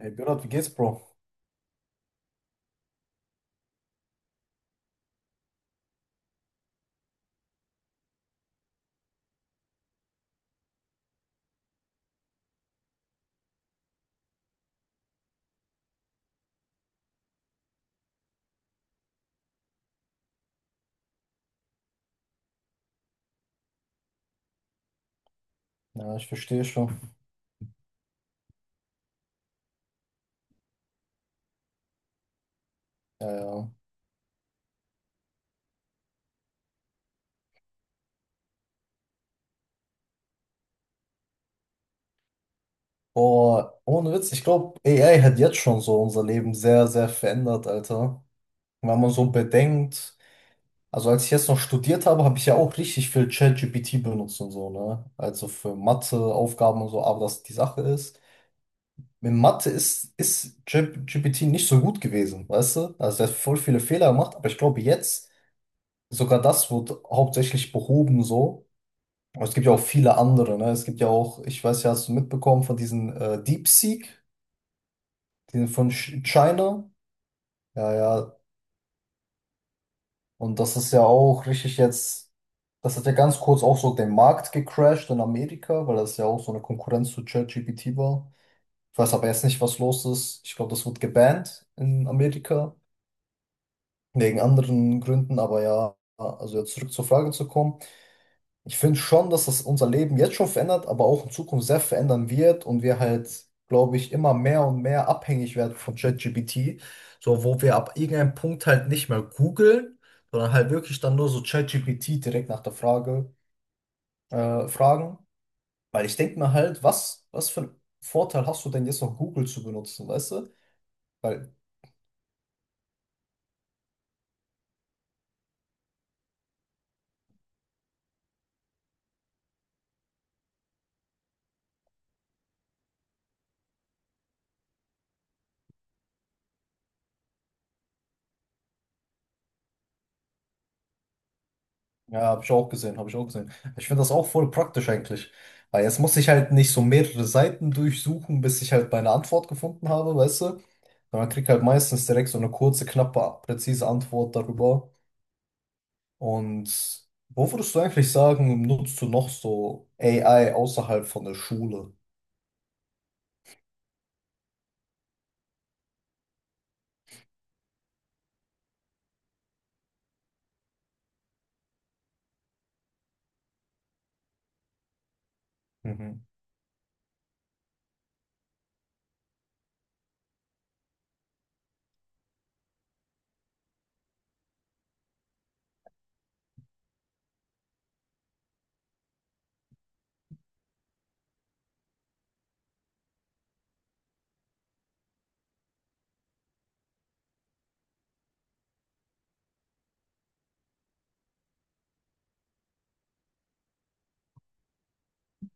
Ey, Berat, wie geht's, Bro? Ja, ich verstehe schon. Ja, ja. Boah, ohne Witz, ich glaube, AI hat jetzt schon so unser Leben sehr, sehr verändert, Alter. Wenn man so bedenkt, also als ich jetzt noch studiert habe, habe ich ja auch richtig viel ChatGPT benutzt und so, ne? Also für Mathe-Aufgaben und so, aber das die Sache ist mit Mathe ist, ChatGPT nicht so gut gewesen, weißt du? Also er hat voll viele Fehler gemacht, aber ich glaube, jetzt sogar das wird hauptsächlich behoben so. Aber es gibt ja auch viele andere, ne? Es gibt ja auch, ich weiß ja, hast du mitbekommen von diesen DeepSeek, die von China. Ja, ja. Und das ist ja auch richtig jetzt, das hat ja ganz kurz auch so den Markt gecrashed in Amerika, weil das ja auch so eine Konkurrenz zu ChatGPT war. Ich weiß aber jetzt nicht, was los ist. Ich glaube, das wird gebannt in Amerika, wegen anderen Gründen, aber ja, also jetzt zurück zur Frage zu kommen. Ich finde schon, dass das unser Leben jetzt schon verändert, aber auch in Zukunft sehr verändern wird und wir halt, glaube ich, immer mehr und mehr abhängig werden von ChatGPT. So, wo wir ab irgendeinem Punkt halt nicht mehr googeln, sondern halt wirklich dann nur so ChatGPT direkt nach der Frage fragen. Weil ich denke mir halt, was für einen Vorteil hast du denn jetzt noch Google zu benutzen, weißt du? Weil Ja, habe ich auch gesehen, habe ich auch gesehen. Ich finde das auch voll praktisch eigentlich. Weil jetzt muss ich halt nicht so mehrere Seiten durchsuchen, bis ich halt meine Antwort gefunden habe, weißt du? Sondern krieg halt meistens direkt so eine kurze, knappe, präzise Antwort darüber. Und wo würdest du eigentlich sagen, nutzt du noch so AI außerhalb von der Schule? Mhm.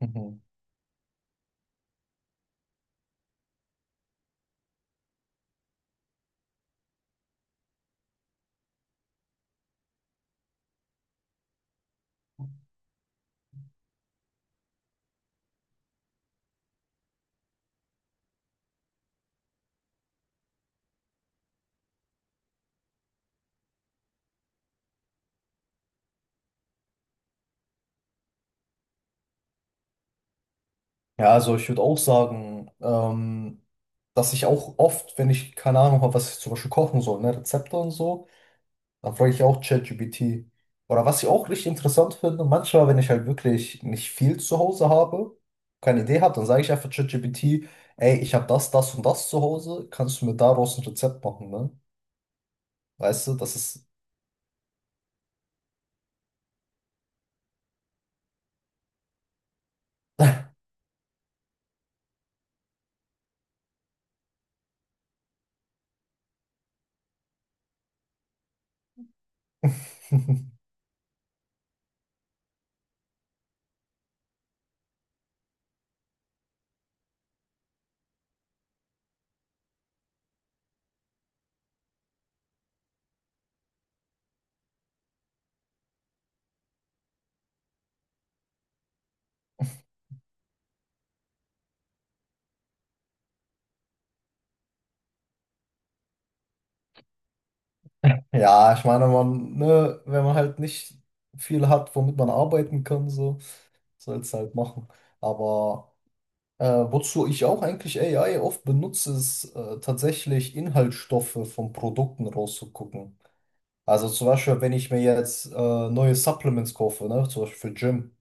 Mhm. Ja, also ich würde auch sagen, dass ich auch oft, wenn ich keine Ahnung habe, was ich zum Beispiel kochen soll, ne, Rezepte und so, dann frage ich auch ChatGPT. Oder was ich auch richtig interessant finde, manchmal, wenn ich halt wirklich nicht viel zu Hause habe, keine Idee habe, dann sage ich einfach ChatGPT, ey, ich habe das, das und das zu Hause, kannst du mir daraus ein Rezept machen, ne? Weißt du, das ist. Ja, ich meine, man, ne, wenn man halt nicht viel hat, womit man arbeiten kann, so, soll es halt machen. Aber wozu ich auch eigentlich AI oft benutze, ist tatsächlich Inhaltsstoffe von Produkten rauszugucken. Also zum Beispiel, wenn ich mir jetzt neue Supplements kaufe, ne, zum Beispiel für Gym,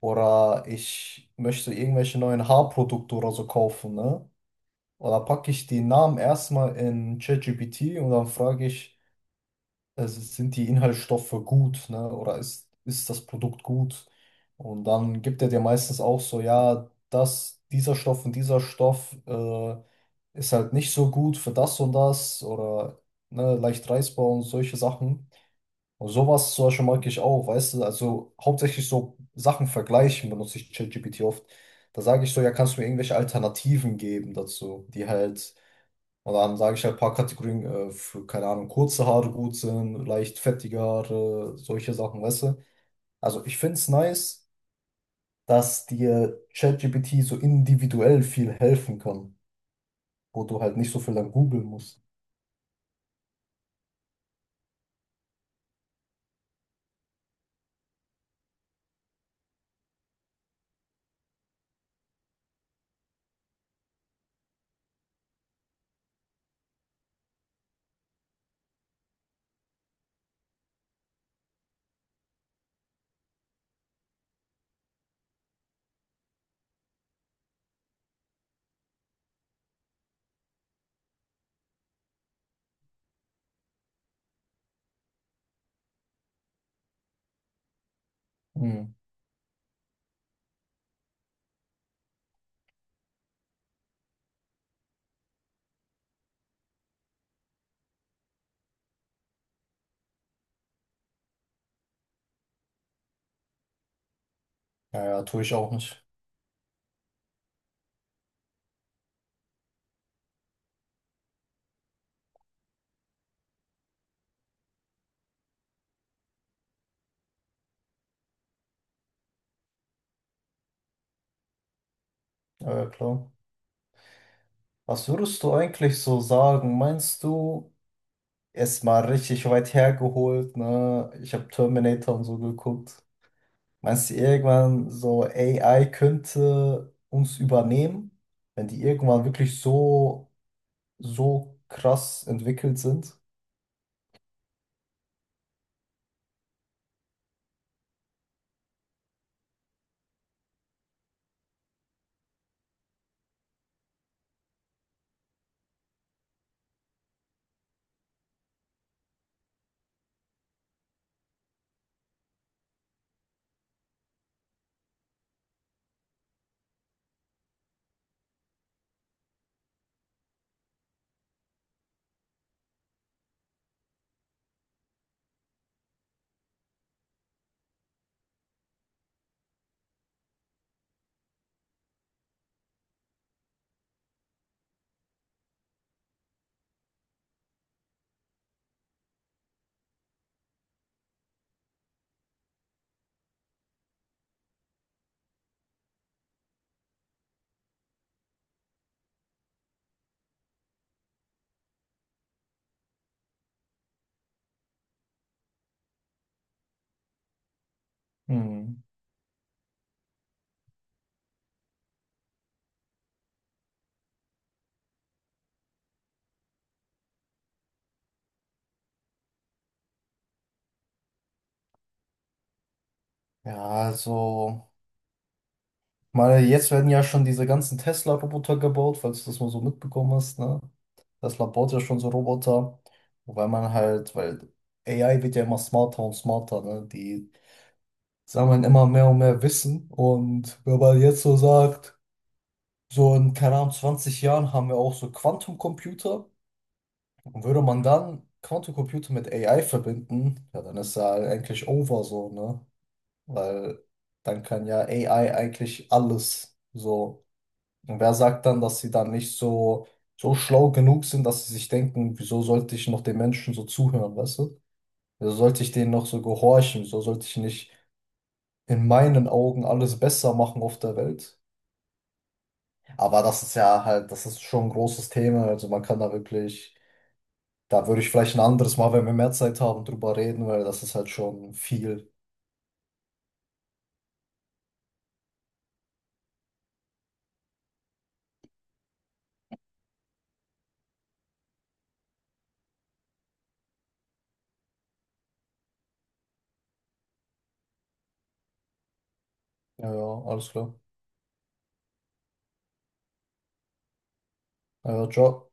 oder ich möchte irgendwelche neuen Haarprodukte oder so kaufen, ne? Oder packe ich die Namen erstmal in ChatGPT und dann frage ich, sind die Inhaltsstoffe gut, ne? Oder ist das Produkt gut? Und dann gibt er dir meistens auch so, ja, das, dieser Stoff und dieser Stoff ist halt nicht so gut für das und das oder ne, leicht reißbar und solche Sachen. Und sowas zum Beispiel mag ich auch, weißt du, also hauptsächlich so Sachen vergleichen benutze ich ChatGPT oft. Da sage ich so, ja, kannst du mir irgendwelche Alternativen geben dazu, die halt, und dann sage ich halt ein paar Kategorien für, keine Ahnung, kurze Haare gut sind, leicht fettige Haare, solche Sachen, weißt du. Also ich finde es nice, dass dir ChatGPT so individuell viel helfen kann, wo du halt nicht so viel dann googeln musst. Hm. Naja, tue ich auch nicht. Ja, ja, klar. Was würdest du eigentlich so sagen? Meinst du, erstmal richtig weit hergeholt, ne? Ich habe Terminator und so geguckt. Meinst du irgendwann so, AI könnte uns übernehmen, wenn die irgendwann wirklich so, so krass entwickelt sind? Hm. Ja, also, meine, jetzt werden ja schon diese ganzen Tesla-Roboter gebaut, falls du das mal so mitbekommen hast, ne? Tesla baut ja schon so Roboter, wobei man halt, weil AI wird ja immer smarter und smarter, ne? Die sammeln immer mehr und mehr Wissen. Und wenn man jetzt so sagt, so in, keine Ahnung, 20 Jahren haben wir auch so Quantencomputer. Und würde man dann Quantencomputer mit AI verbinden, ja, dann ist ja eigentlich over so, ne? Weil dann kann ja AI eigentlich alles so. Und wer sagt dann, dass sie dann nicht so, so schlau genug sind, dass sie sich denken, wieso sollte ich noch den Menschen so zuhören, weißt du? Wieso sollte ich denen noch so gehorchen? Wieso sollte ich nicht in meinen Augen alles besser machen auf der Welt? Aber das ist ja halt, das ist schon ein großes Thema. Also man kann da wirklich, da würde ich vielleicht ein anderes Mal, wenn wir mehr Zeit haben, drüber reden, weil das ist halt schon viel. Ja, ja, alles klar. Ja, ja, ciao.